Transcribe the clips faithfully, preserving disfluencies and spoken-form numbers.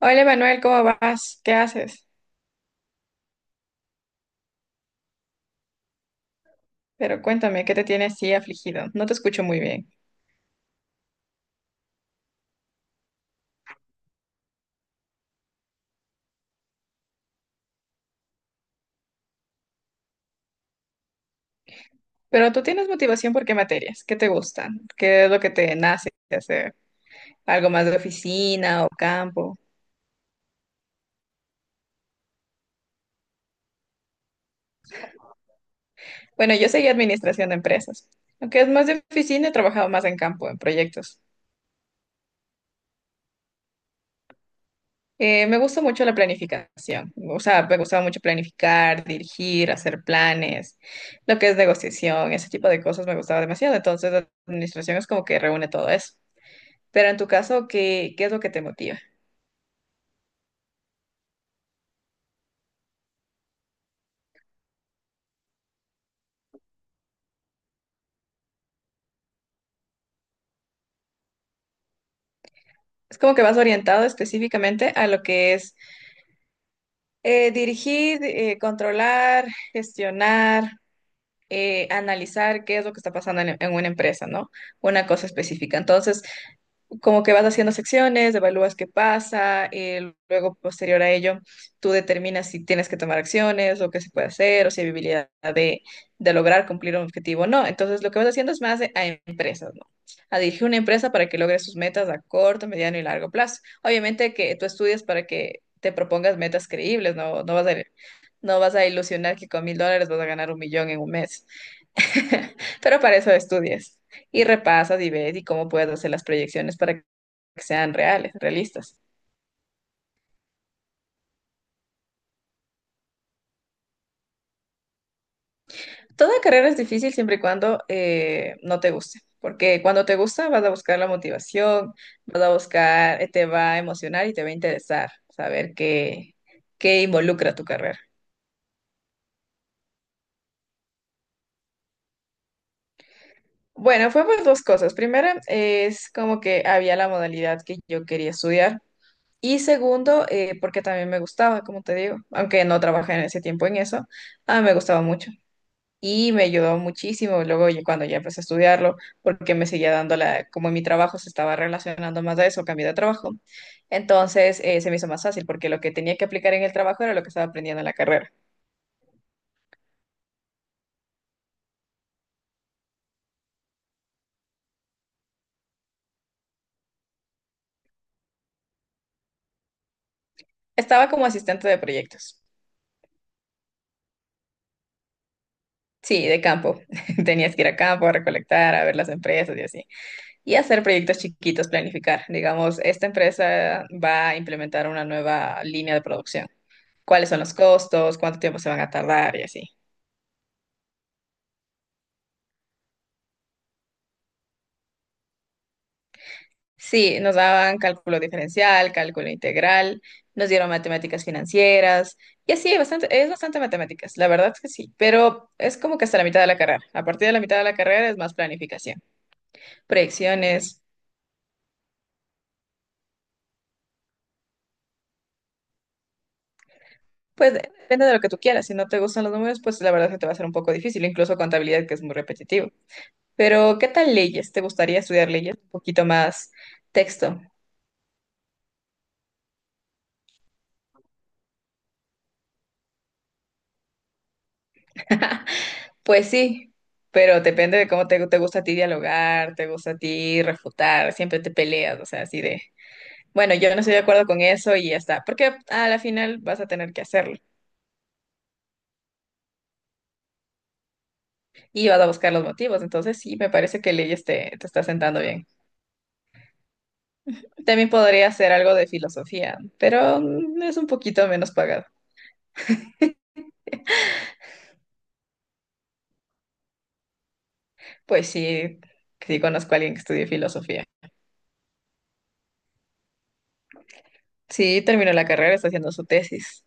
Hola Manuel, ¿cómo vas? ¿Qué haces? Pero cuéntame, ¿qué te tiene así afligido? No te escucho muy bien. Pero tú tienes motivación por qué materias, qué te gustan, qué es lo que te nace de hacer, algo más de oficina o campo. Bueno, yo seguí administración de empresas. Aunque es más de oficina, he trabajado más en campo, en proyectos. Eh, me gusta mucho la planificación, o sea, me gustaba mucho planificar, dirigir, hacer planes, lo que es negociación, ese tipo de cosas me gustaba demasiado. Entonces, la administración es como que reúne todo eso. Pero en tu caso, ¿qué, qué es lo que te motiva? Es como que vas orientado específicamente a lo que es eh, dirigir, eh, controlar, gestionar. Eh, analizar qué es lo que está pasando en, en una empresa, ¿no? Una cosa específica. Entonces, como que vas haciendo secciones, evalúas qué pasa, eh, luego posterior a ello, tú determinas si tienes que tomar acciones o qué se puede hacer o si hay habilidad de, de lograr cumplir un objetivo o no. Entonces, lo que vas haciendo es más de- a empresas, ¿no? A dirigir una empresa para que logre sus metas a corto, mediano y largo plazo. Obviamente que tú estudias para que te propongas metas creíbles, ¿no? No vas a no vas a ilusionar que con mil dólares vas a ganar un millón en un mes. Pero para eso estudias y repasas y ves y cómo puedes hacer las proyecciones para que sean reales, realistas. Toda carrera es difícil siempre y cuando eh, no te guste, porque cuando te gusta vas a buscar la motivación, vas a buscar, eh, te va a emocionar y te va a interesar saber qué, qué involucra tu carrera. Bueno, fue pues dos cosas. Primera es como que había la modalidad que yo quería estudiar. Y segundo, eh, porque también me gustaba, como te digo, aunque no trabajé en ese tiempo en eso, ah, me gustaba mucho. Y me ayudó muchísimo luego ya cuando ya empecé a estudiarlo, porque me seguía dando la, como mi trabajo se estaba relacionando más a eso, cambié de trabajo. Entonces eh, se me hizo más fácil, porque lo que tenía que aplicar en el trabajo era lo que estaba aprendiendo en la carrera. Estaba como asistente de proyectos. Sí, de campo. Tenías que ir a campo a recolectar, a ver las empresas y así. Y hacer proyectos chiquitos, planificar. Digamos, esta empresa va a implementar una nueva línea de producción. ¿Cuáles son los costos? ¿Cuánto tiempo se van a tardar? Y así. Sí, nos daban cálculo diferencial, cálculo integral, nos dieron matemáticas financieras. Y así, bastante, es bastante matemáticas, la verdad es que sí. Pero es como que hasta la mitad de la carrera. A partir de la mitad de la carrera es más planificación. Proyecciones. Pues de- depende de lo que tú quieras. Si no te gustan los números, pues la verdad es que te va a ser un poco difícil, incluso contabilidad, que es muy repetitivo. Pero, ¿qué tal leyes? ¿Te gustaría estudiar leyes? Un poquito más texto. Pues sí, pero depende de cómo te, te gusta a ti dialogar, te gusta a ti refutar, siempre te peleas, o sea, así de, bueno, yo no estoy de acuerdo con eso y ya está, porque a la final vas a tener que hacerlo y vas a buscar los motivos, entonces sí, me parece que leyes te, te está sentando bien. También podría hacer algo de filosofía, pero mm, es un poquito menos pagado. Pues sí, sí conozco a alguien que estudie filosofía. Sí, terminó la carrera, está haciendo su tesis.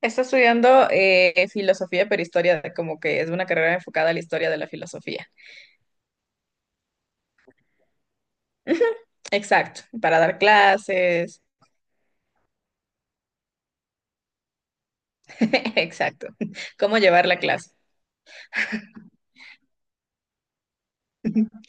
Está estudiando eh, filosofía, pero historia, de- como que es una carrera enfocada a la historia de la filosofía. Ujú, exacto, para dar clases. Exacto, cómo llevar la clase.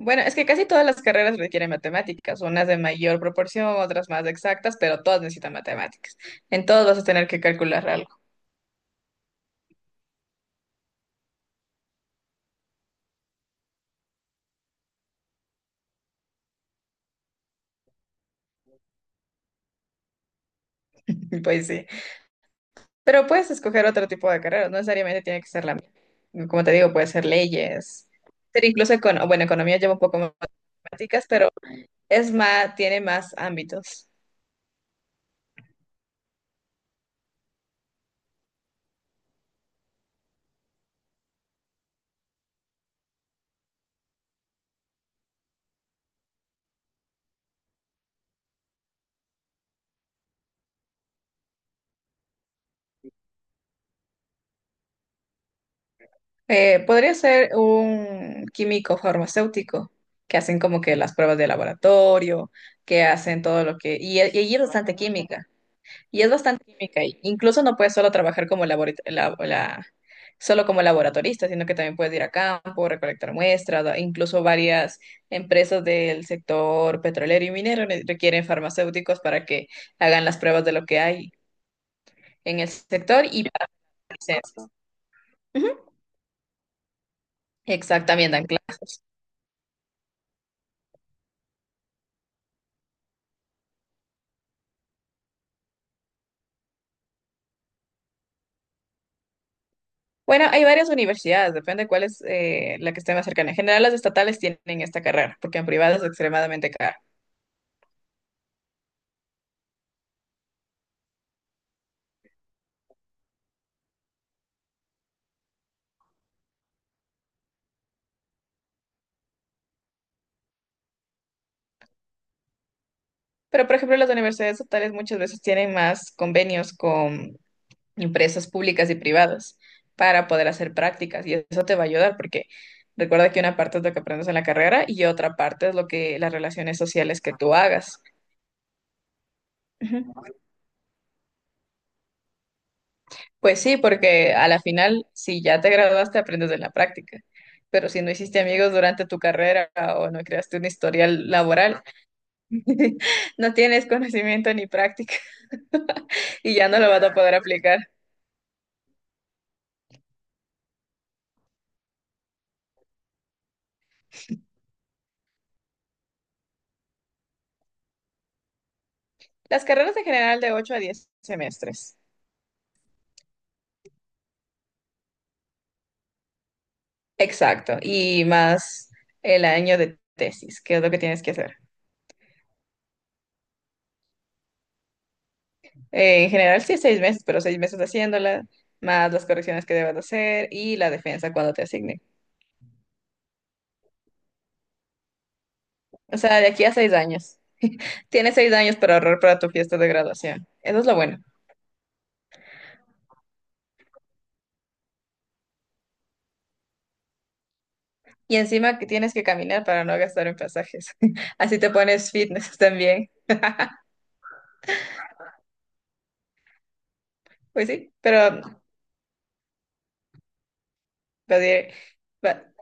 Bueno, es que casi todas las carreras requieren matemáticas, unas de mayor proporción, otras más exactas, pero todas necesitan matemáticas. En todos vas a tener que calcular algo, pues sí. Pero puedes escoger otro tipo de carreras, no necesariamente tiene que ser la misma. Como te digo, puede ser leyes, ser incluso, econo- bueno, economía lleva un poco más de matemáticas, pero es más, tiene más ámbitos. Eh, podría ser un químico farmacéutico que hacen como que las pruebas de laboratorio, que hacen todo lo que... Y, y allí es bastante química. Y es bastante química. Y incluso no puedes solo trabajar como labora- la, la- solo como laboratorista, sino que también puedes ir a campo, recolectar muestras. da- Incluso varias empresas del sector petrolero y minero ne- requieren farmacéuticos para que hagan las pruebas de lo que hay en el sector y para licencias. Exactamente, dan clases. Bueno, hay varias universidades, depende cuál es eh, la que esté más cercana. En general, las estatales tienen esta carrera, porque en privado es extremadamente cara. Pero, por ejemplo, las universidades estatales muchas veces tienen más convenios con empresas públicas y privadas para poder hacer prácticas y eso te va a ayudar porque recuerda que una parte es lo que aprendes en la carrera y otra parte es lo que las relaciones sociales que tú hagas. Ujú. Pues sí, porque a la final, si ya te graduaste, aprendes de la práctica. Pero si no hiciste amigos durante tu carrera o no creaste un historial laboral, no tienes conocimiento ni práctica y ya no lo vas a poder aplicar. Las carreras en general de ocho a diez semestres. Exacto. Y más el año de tesis, que es lo que tienes que hacer. Eh, en general sí, seis meses, pero seis meses haciéndola, más las correcciones que debas de hacer y la defensa cuando te asignen. O sea, de aquí a seis años. Tienes seis años para ahorrar para tu fiesta de graduación. Eso es lo bueno. Y encima que tienes que caminar para no gastar en pasajes. Así te pones fitness también. Pues sí, pero pues, eh, ba-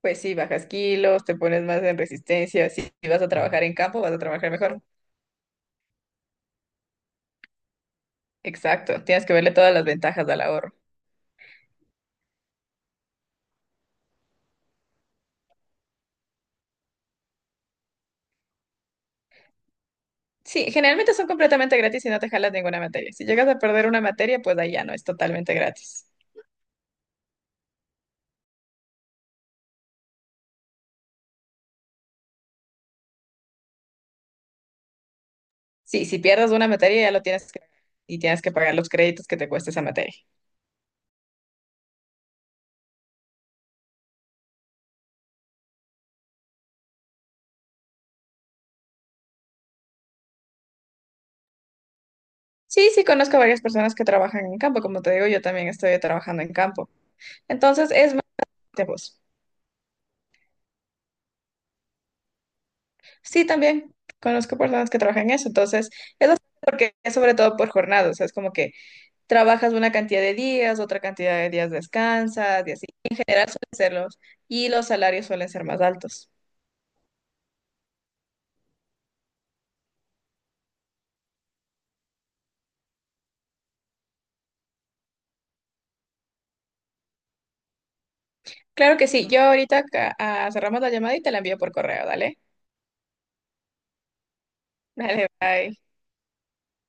pues sí, bajas kilos, te pones más en resistencia. Si si vas a trabajar en campo, vas a trabajar mejor. Exacto, tienes que verle todas las ventajas al ahorro. Sí, generalmente son completamente gratis y no te jalas ninguna materia. Si llegas a perder una materia, pues ahí ya no, es totalmente gratis. Sí, si pierdes una materia ya lo tienes que y tienes que pagar los créditos que te cuesta esa materia. Sí, sí, conozco varias personas que trabajan en campo, como te digo, yo también estoy trabajando en campo. Entonces, es más de voz. Sí, también conozco personas que trabajan en eso, entonces, es bastante porque es sobre todo por jornadas, o sea, es como que trabajas una cantidad de días, otra cantidad de días descansas y así. En general suelen serlos y los salarios suelen ser más altos. Claro que sí, yo ahorita ca- ah, cerramos la llamada y te la envío por correo, dale. Dale, bye.